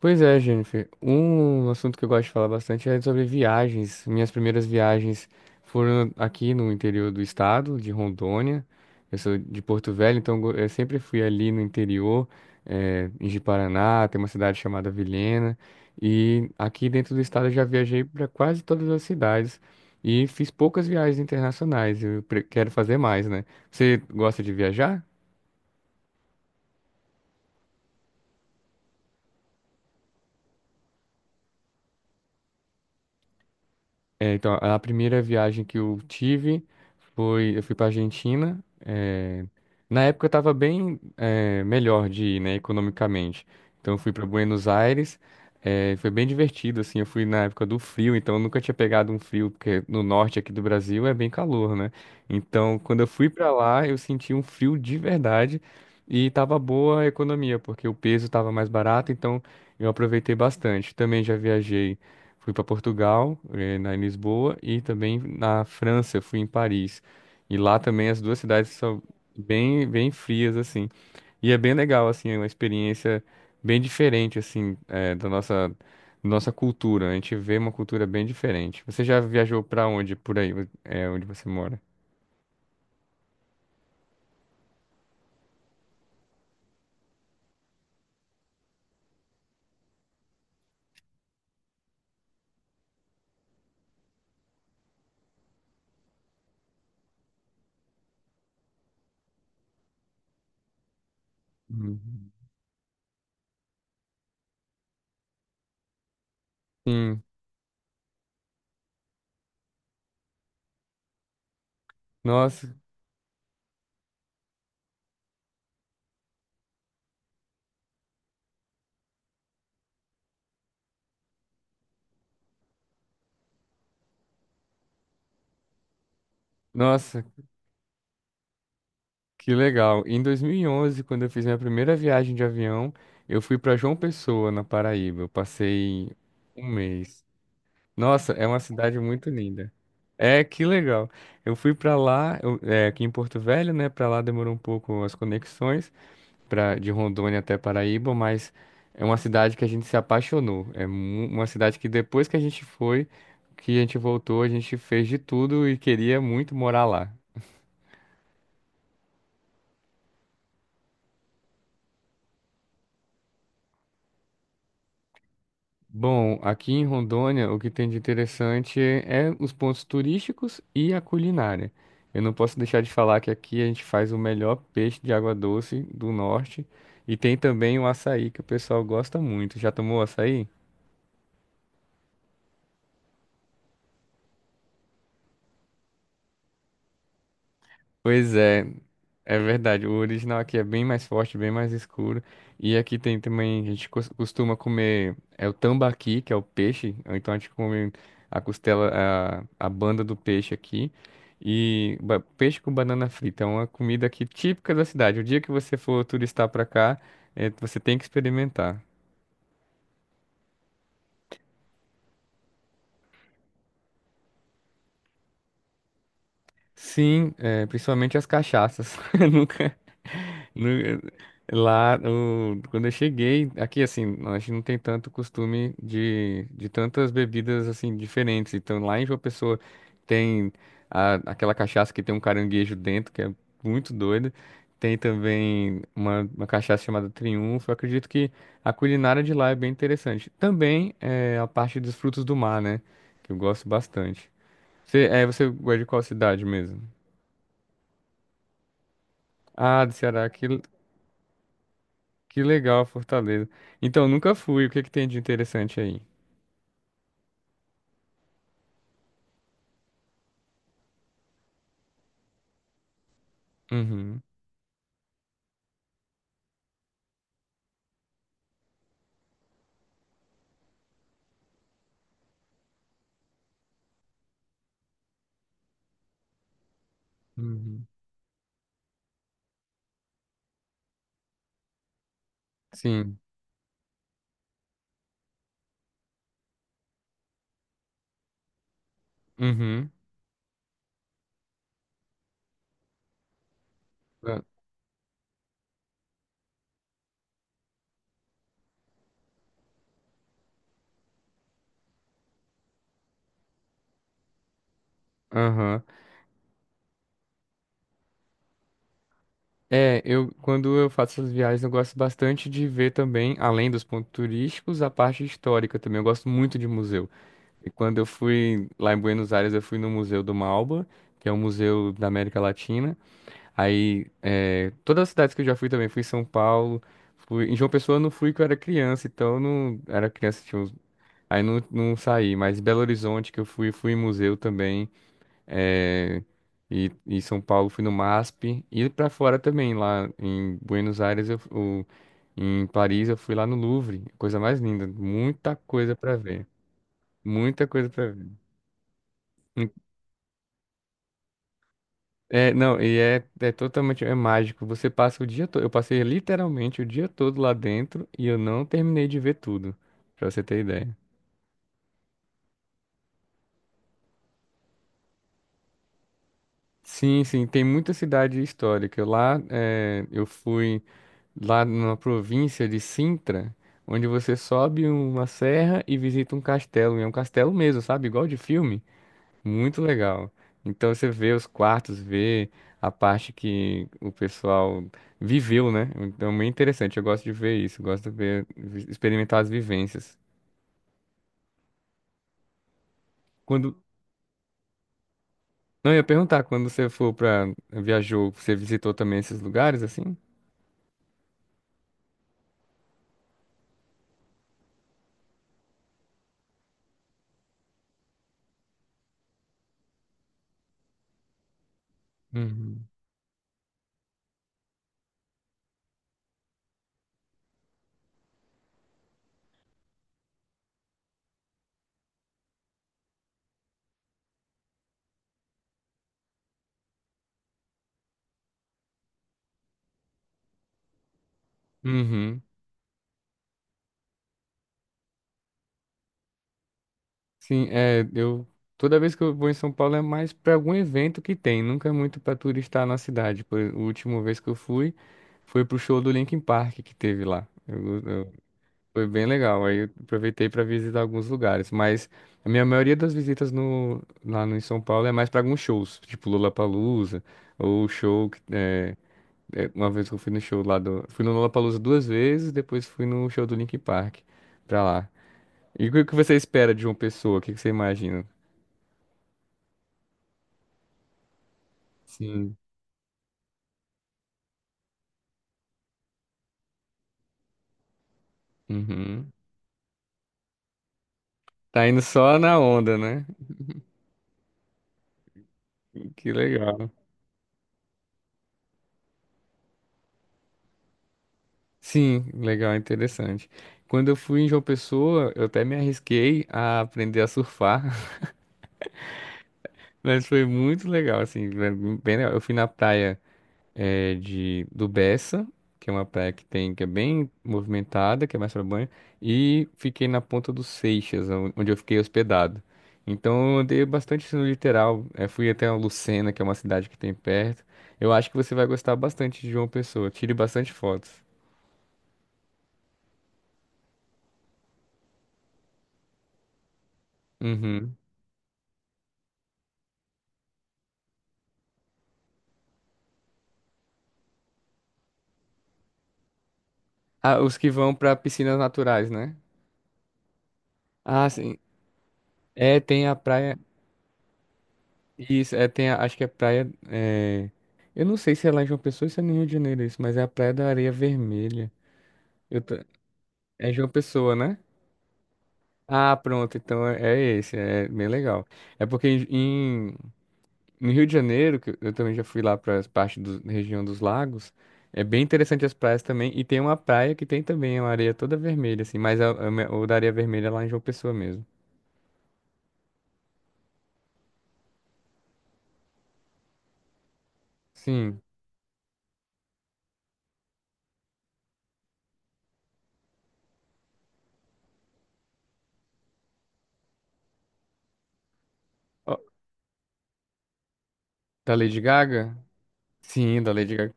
Pois é, Jennifer. Um assunto que eu gosto de falar bastante é sobre viagens. Minhas primeiras viagens foram aqui no interior do estado, de Rondônia. Eu sou de Porto Velho, então eu sempre fui ali no interior, em Ji-Paraná, tem uma cidade chamada Vilhena. E aqui dentro do estado eu já viajei para quase todas as cidades e fiz poucas viagens internacionais. Eu quero fazer mais, né? Você gosta de viajar? É, então, a primeira viagem que eu tive eu fui para Argentina. eh, Na época eu estava bem melhor de ir, né, economicamente. Então eu fui para Buenos Aires. Foi bem divertido, assim. Eu fui na época do frio, então eu nunca tinha pegado um frio, porque no norte aqui do Brasil é bem calor, né? Então, quando eu fui para lá, eu senti um frio de verdade e tava boa a economia, porque o peso estava mais barato, então eu aproveitei bastante. Também já viajei. Fui para Portugal, eh, na em Lisboa, e também na França, fui em Paris. E lá também as duas cidades são bem, bem frias, assim. E é bem legal, assim, é uma experiência bem diferente, assim, da nossa cultura. A gente vê uma cultura bem diferente. Você já viajou para onde, por aí, onde você mora? Uhum. Sim, nossa, nossa, que legal. Em 2011, quando eu fiz minha primeira viagem de avião, eu fui para João Pessoa, na Paraíba. Eu passei um mês. Nossa, é uma cidade muito linda. É, que legal. Eu fui para lá, é, aqui em Porto Velho, né? Para lá demorou um pouco as conexões pra, de Rondônia até Paraíba, mas é uma cidade que a gente se apaixonou. É uma cidade que depois que a gente foi, que a gente voltou, a gente fez de tudo e queria muito morar lá. Bom, aqui em Rondônia, o que tem de interessante é os pontos turísticos e a culinária. Eu não posso deixar de falar que aqui a gente faz o melhor peixe de água doce do norte e tem também o açaí que o pessoal gosta muito. Já tomou açaí? Pois é. É verdade, o original aqui é bem mais forte, bem mais escuro. E aqui tem também, a gente costuma comer, é o tambaqui, que é o peixe, ou então a gente come a costela, a banda do peixe aqui. E peixe com banana frita, é uma comida aqui típica da cidade. O dia que você for turistar pra cá, você tem que experimentar. Sim, é, principalmente as cachaças. Nunca, nunca- nu- lá, quando eu cheguei, aqui assim, a gente não tem tanto costume de tantas bebidas assim diferentes. Então lá em João Pessoa tem aquela cachaça que tem um caranguejo dentro, que é muito doida. Tem também uma cachaça chamada Triunfo. Eu acredito que a culinária de lá é bem interessante. Também é, a parte dos frutos do mar, né? Que eu gosto bastante. Você gosta de qual cidade mesmo? Ah, do Ceará, que legal, Fortaleza. Então, nunca fui. O que que tem de interessante aí? Uhum, uhum. Sim. Uhum. Ah, aham. É, eu quando eu faço essas viagens, eu gosto bastante de ver também, além dos pontos turísticos, a parte histórica também. Eu gosto muito de museu. E quando eu fui lá em Buenos Aires, eu fui no Museu do Malba, que é um museu da América Latina. Aí, é, todas as cidades que eu já fui também, fui em São Paulo, em João Pessoa eu não fui que eu era criança, então eu não era criança, aí não, não saí, mas Belo Horizonte que eu fui, fui em museu também, é, e São Paulo fui no MASP, e pra fora também, lá em Buenos Aires, em Paris eu fui lá no Louvre, coisa mais linda, muita coisa pra ver, muita coisa pra ver. É, não, e é, é totalmente mágico. Você passa o dia todo. Eu passei literalmente o dia todo lá dentro e eu não terminei de ver tudo, pra você ter ideia. Sim, sim, tem muita cidade histórica. Lá, eu fui lá numa província de Sintra, onde você sobe uma serra e visita um castelo. E é um castelo mesmo, sabe? Igual de filme. Muito legal. Então você vê os quartos, vê a parte que o pessoal viveu, né? Então, muito interessante. Eu gosto de ver isso, gosto de ver, experimentar as vivências. Quando, não, eu ia perguntar, quando você for para viajou, você visitou também esses lugares assim? Uhum. Uhum. Sim, é, eu toda vez que eu vou em São Paulo é mais para algum evento que tem, nunca é muito para turistar na cidade. A última vez que eu fui foi pro show do Linkin Park que teve lá. Foi bem legal. Aí eu aproveitei para visitar alguns lugares, mas a minha maioria das visitas no, lá no, em São Paulo é mais para alguns shows, tipo Lollapalooza, ou show que é, uma vez que eu fui no show fui no Lollapalooza duas vezes, depois fui no show do Linkin Park pra lá. E o que que você espera de uma pessoa? O que que você imagina? Sim. Uhum. Tá indo só na onda, né? Que legal. Sim, legal, interessante. Quando eu fui em João Pessoa, eu até me arrisquei a aprender a surfar. Mas foi muito legal, assim, foi bem legal. Eu fui na praia eh, de do Bessa, que é uma praia que tem, que é bem movimentada, que é mais para banho, e fiquei na Ponta dos Seixas, onde eu fiquei hospedado. Então eu andei bastante assim, no litoral, fui até a Lucena, que é uma cidade que tem perto. Eu acho que você vai gostar bastante de João Pessoa, tire bastante fotos. Uhum. Ah, os que vão para piscinas naturais, né? Ah, sim. É, tem a praia. Isso, é, tem, acho que é praia. É, eu não sei se é lá em João Pessoa ou se é no Rio de Janeiro isso, mas é a Praia da Areia Vermelha. Eu tô- é João Pessoa, né? Ah, pronto, então é esse, é bem legal. É porque no Rio de Janeiro, que eu também já fui lá para as partes da região dos lagos, é bem interessante as praias também. E tem uma praia que tem também uma areia toda vermelha, assim, mas o da Areia Vermelha é lá em João Pessoa mesmo. Sim. Ó, da Lady Gaga? Sim, da Lady Gaga.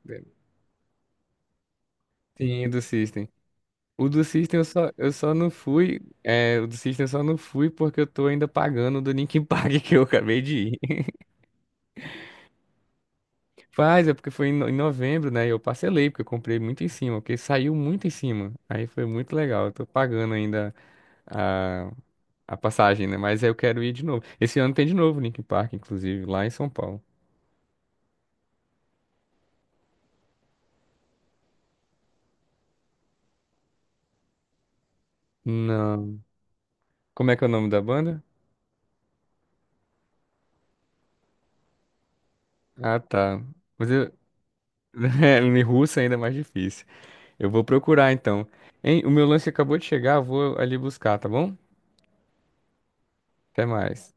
Sim, do System. O do System eu só não fui. É, o do System eu só não fui porque eu tô ainda pagando o do Linkin Park que eu acabei de ir. Faz, é porque foi em novembro, né? E eu parcelei, porque eu comprei muito em cima, porque saiu muito em cima. Aí foi muito legal. Eu tô pagando ainda a, a passagem, né? Mas aí eu quero ir de novo. Esse ano tem de novo o Linkin Park, inclusive, lá em São Paulo. Não. Como é que é o nome da banda? Ah, tá. Mas eu. É, em russo ainda é mais difícil. Eu vou procurar então. Hein, o meu lance acabou de chegar, eu vou ali buscar, tá bom? Até mais.